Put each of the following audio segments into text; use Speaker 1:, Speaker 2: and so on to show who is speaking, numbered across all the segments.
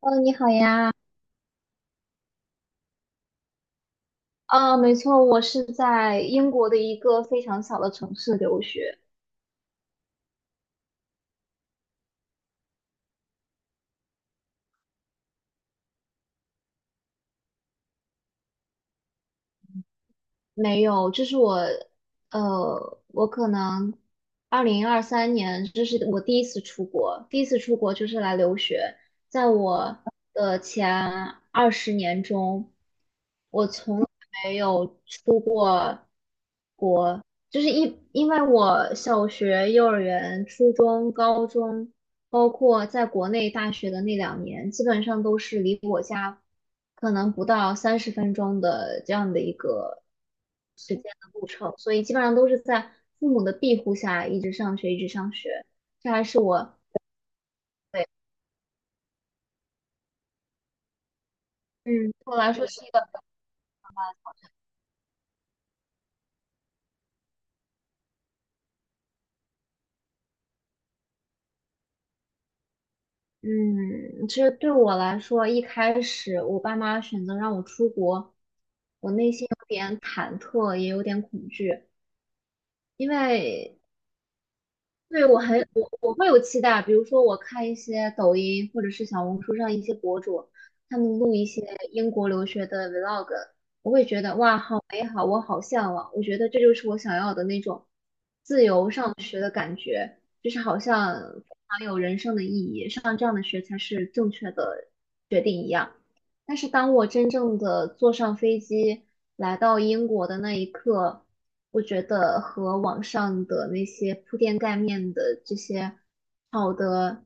Speaker 1: 哦，你好呀。啊，没错，我是在英国的一个非常小的城市留学。没有，这是我，我可能2023年，这是我第一次出国，第一次出国就是来留学。在我的前20年中，我从来没有出过。就是一，因为我小学、幼儿园、初中、高中，包括在国内大学的那两年，基本上都是离我家可能不到30分钟的这样的一个时间的路程，所以基本上都是在父母的庇护下一直上学，一直上学。这还是我，对，嗯，对我来说是一个，嗯，其实对我来说，一开始我爸妈选择让我出国，我内心有点忐忑，也有点恐惧。因为对我很我会有期待，比如说我看一些抖音或者是小红书上一些博主，他们录一些英国留学的 vlog，我会觉得哇，好美好，我好向往，我觉得这就是我想要的那种，就是好像非常有人生的意义，上这样的学才是正确的决定一样。但是当我真正的坐上飞机来到英国的那一刻，我觉得和网上的那些铺天盖面的这些好的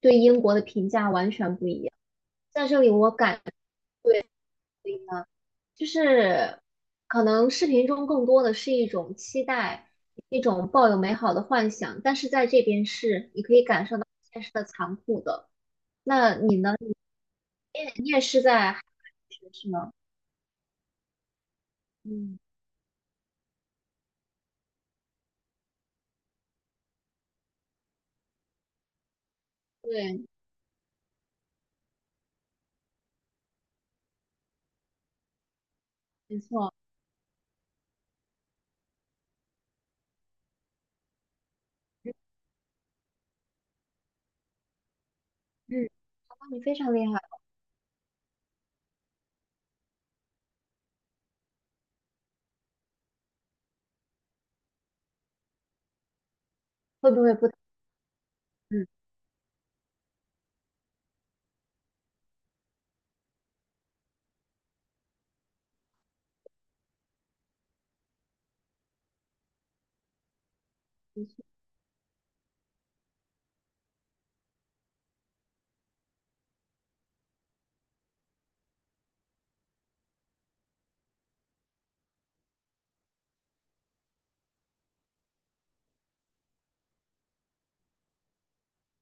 Speaker 1: 对英国的评价完全不一样。在这里，我感觉呢就是可能视频中更多的是一种期待，一种抱有美好的幻想，但是在这边是你可以感受到现实的残酷的。那你呢？你也你也是在海外留学是吗？嗯，对。没错，嗯嗯，哦你非常厉害，会不会不？嗯，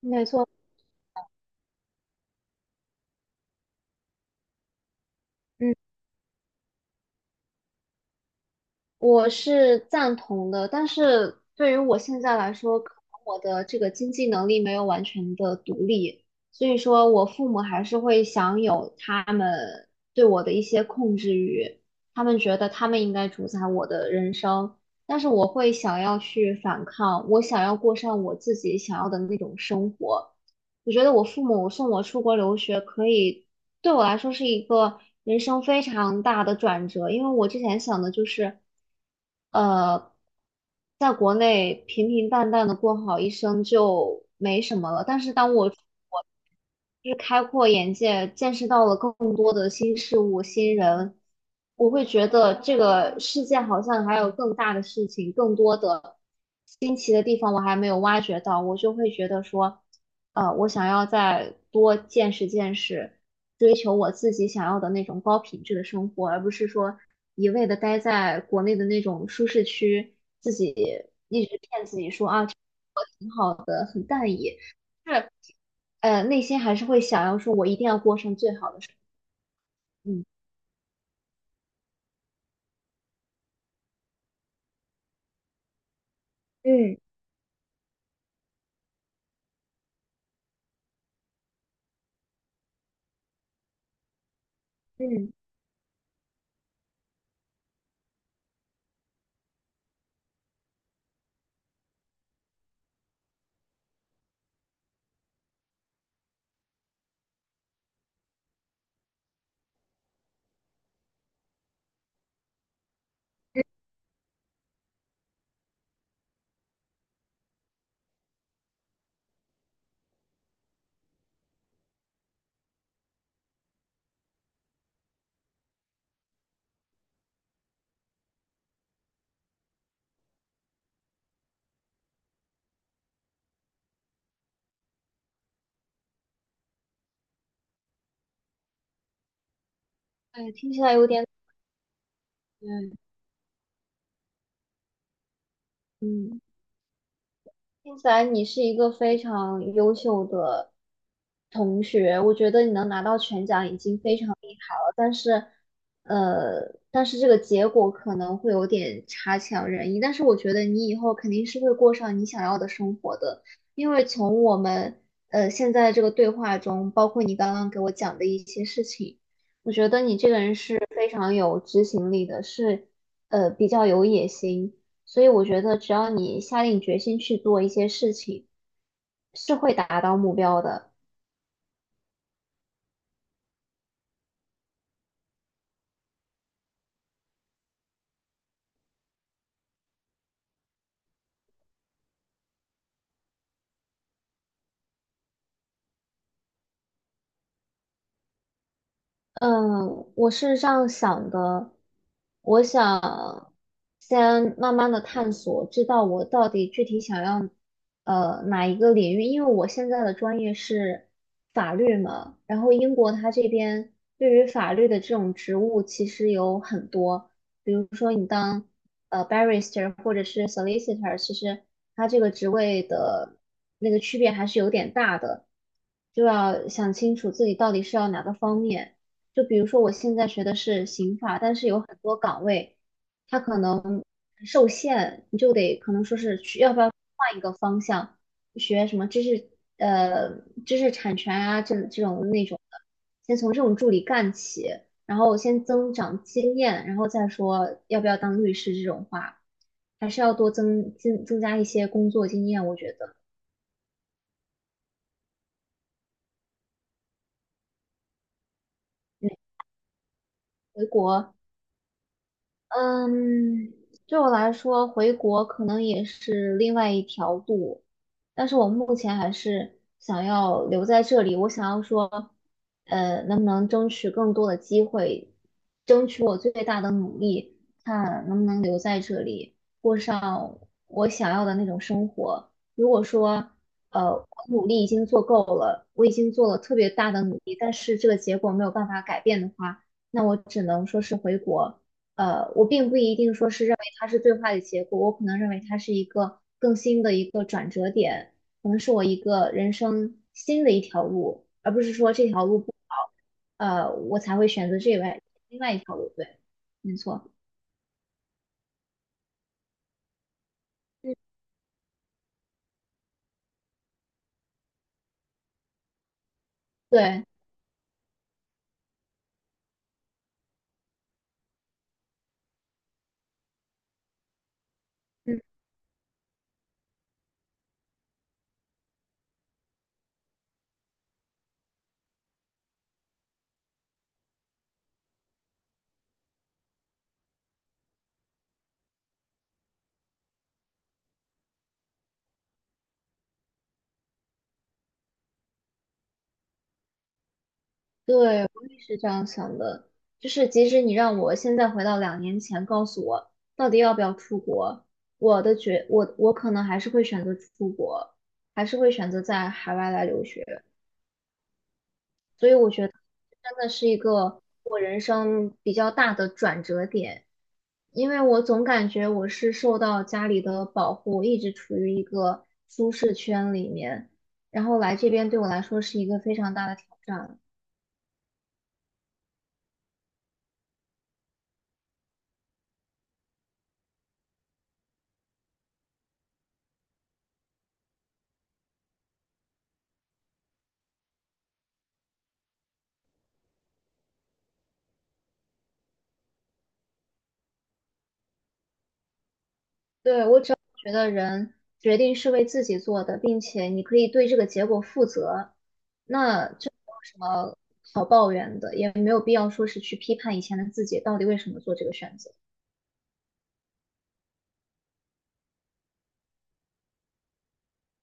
Speaker 1: 没错，嗯，我是赞同的，但是对于我现在来说，可能我的这个经济能力没有完全的独立，所以说我父母还是会享有他们对我的一些控制欲，他们觉得他们应该主宰我的人生，但是我会想要去反抗，我想要过上我自己想要的那种生活。我觉得我父母送我出国留学，可以对我来说是一个人生非常大的转折，因为我之前想的就是，呃，在国内平平淡淡的过好一生就没什么了。但是当我就是开阔眼界，见识到了更多的新事物、新人，我会觉得这个世界好像还有更大的事情，更多的新奇的地方我还没有挖掘到，我就会觉得说，我想要再多见识见识。追求我自己想要的那种高品质的生活，而不是说一味的待在国内的那种舒适区，自己一直骗自己说啊挺好的，很淡逸，是内心还是会想要说我一定要过上最好的生活。嗯，嗯嗯，对，听起来有点嗯嗯。听起来你是一个非常优秀的同学，我觉得你能拿到全奖已经非常厉害了。但是，但是这个结果可能会有点差强人意。但是我觉得你以后肯定是会过上你想要的生活的，因为从我们现在这个对话中，包括你刚刚给我讲的一些事情，我觉得你这个人是非常有执行力的，是比较有野心。所以我觉得，只要你下定决心去做一些事情，是会达到目标的。嗯，我是这样想的，我想先慢慢的探索，知道我到底具体想要哪一个领域，因为我现在的专业是法律嘛，然后英国它这边对于法律的这种职务其实有很多，比如说你当barrister 或者是 solicitor，其实它这个职位的那个区别还是有点大的，就要想清楚自己到底是要哪个方面。就比如说我现在学的是刑法，但是有很多岗位，它可能受限，你就得可能说是去要不要换一个方向，学什么知识呃知识产权啊这种那种的，先从这种助理干起，然后先增长经验，然后再说要不要当律师这种话，还是要多增加一些工作经验，我觉得。嗯，回国嗯，对我来说，回国可能也是另外一条路，但是我目前还是想要留在这里。我想要说，能不能争取更多的机会，争取我最大的努力，看能不能留在这里，过上我想要的那种生活。如果说，我努力已经做够了，我已经做了特别大的努力，但是这个结果没有办法改变的话，那我只能说是回国。我并不一定说是认为它是最坏的结果，我可能认为它是一个更新的一个转折点，可能是我一个人生新的一条路，而不是说这条路不好，我才会选择这外另外一条路。对，没错，嗯对嗯对，我也是这样想的。就是即使你让我现在回到2年前，告诉我到底要不要出国，我的觉我可能还是会选择出国，还是会选择在海外来留学。所以我觉得真的是一个我人生比较大的转折点，因为我总感觉我是受到家里的保护，一直处于一个舒适圈里面，然后来这边对我来说是一个非常大的挑战。对，我只要觉得人决定是为自己做的，并且你可以对这个结果负责，那这没有什么好抱怨的，也没有必要说是去批判以前的自己到底为什么做这个选择。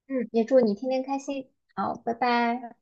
Speaker 1: 嗯，也祝你天天开心。好，拜拜。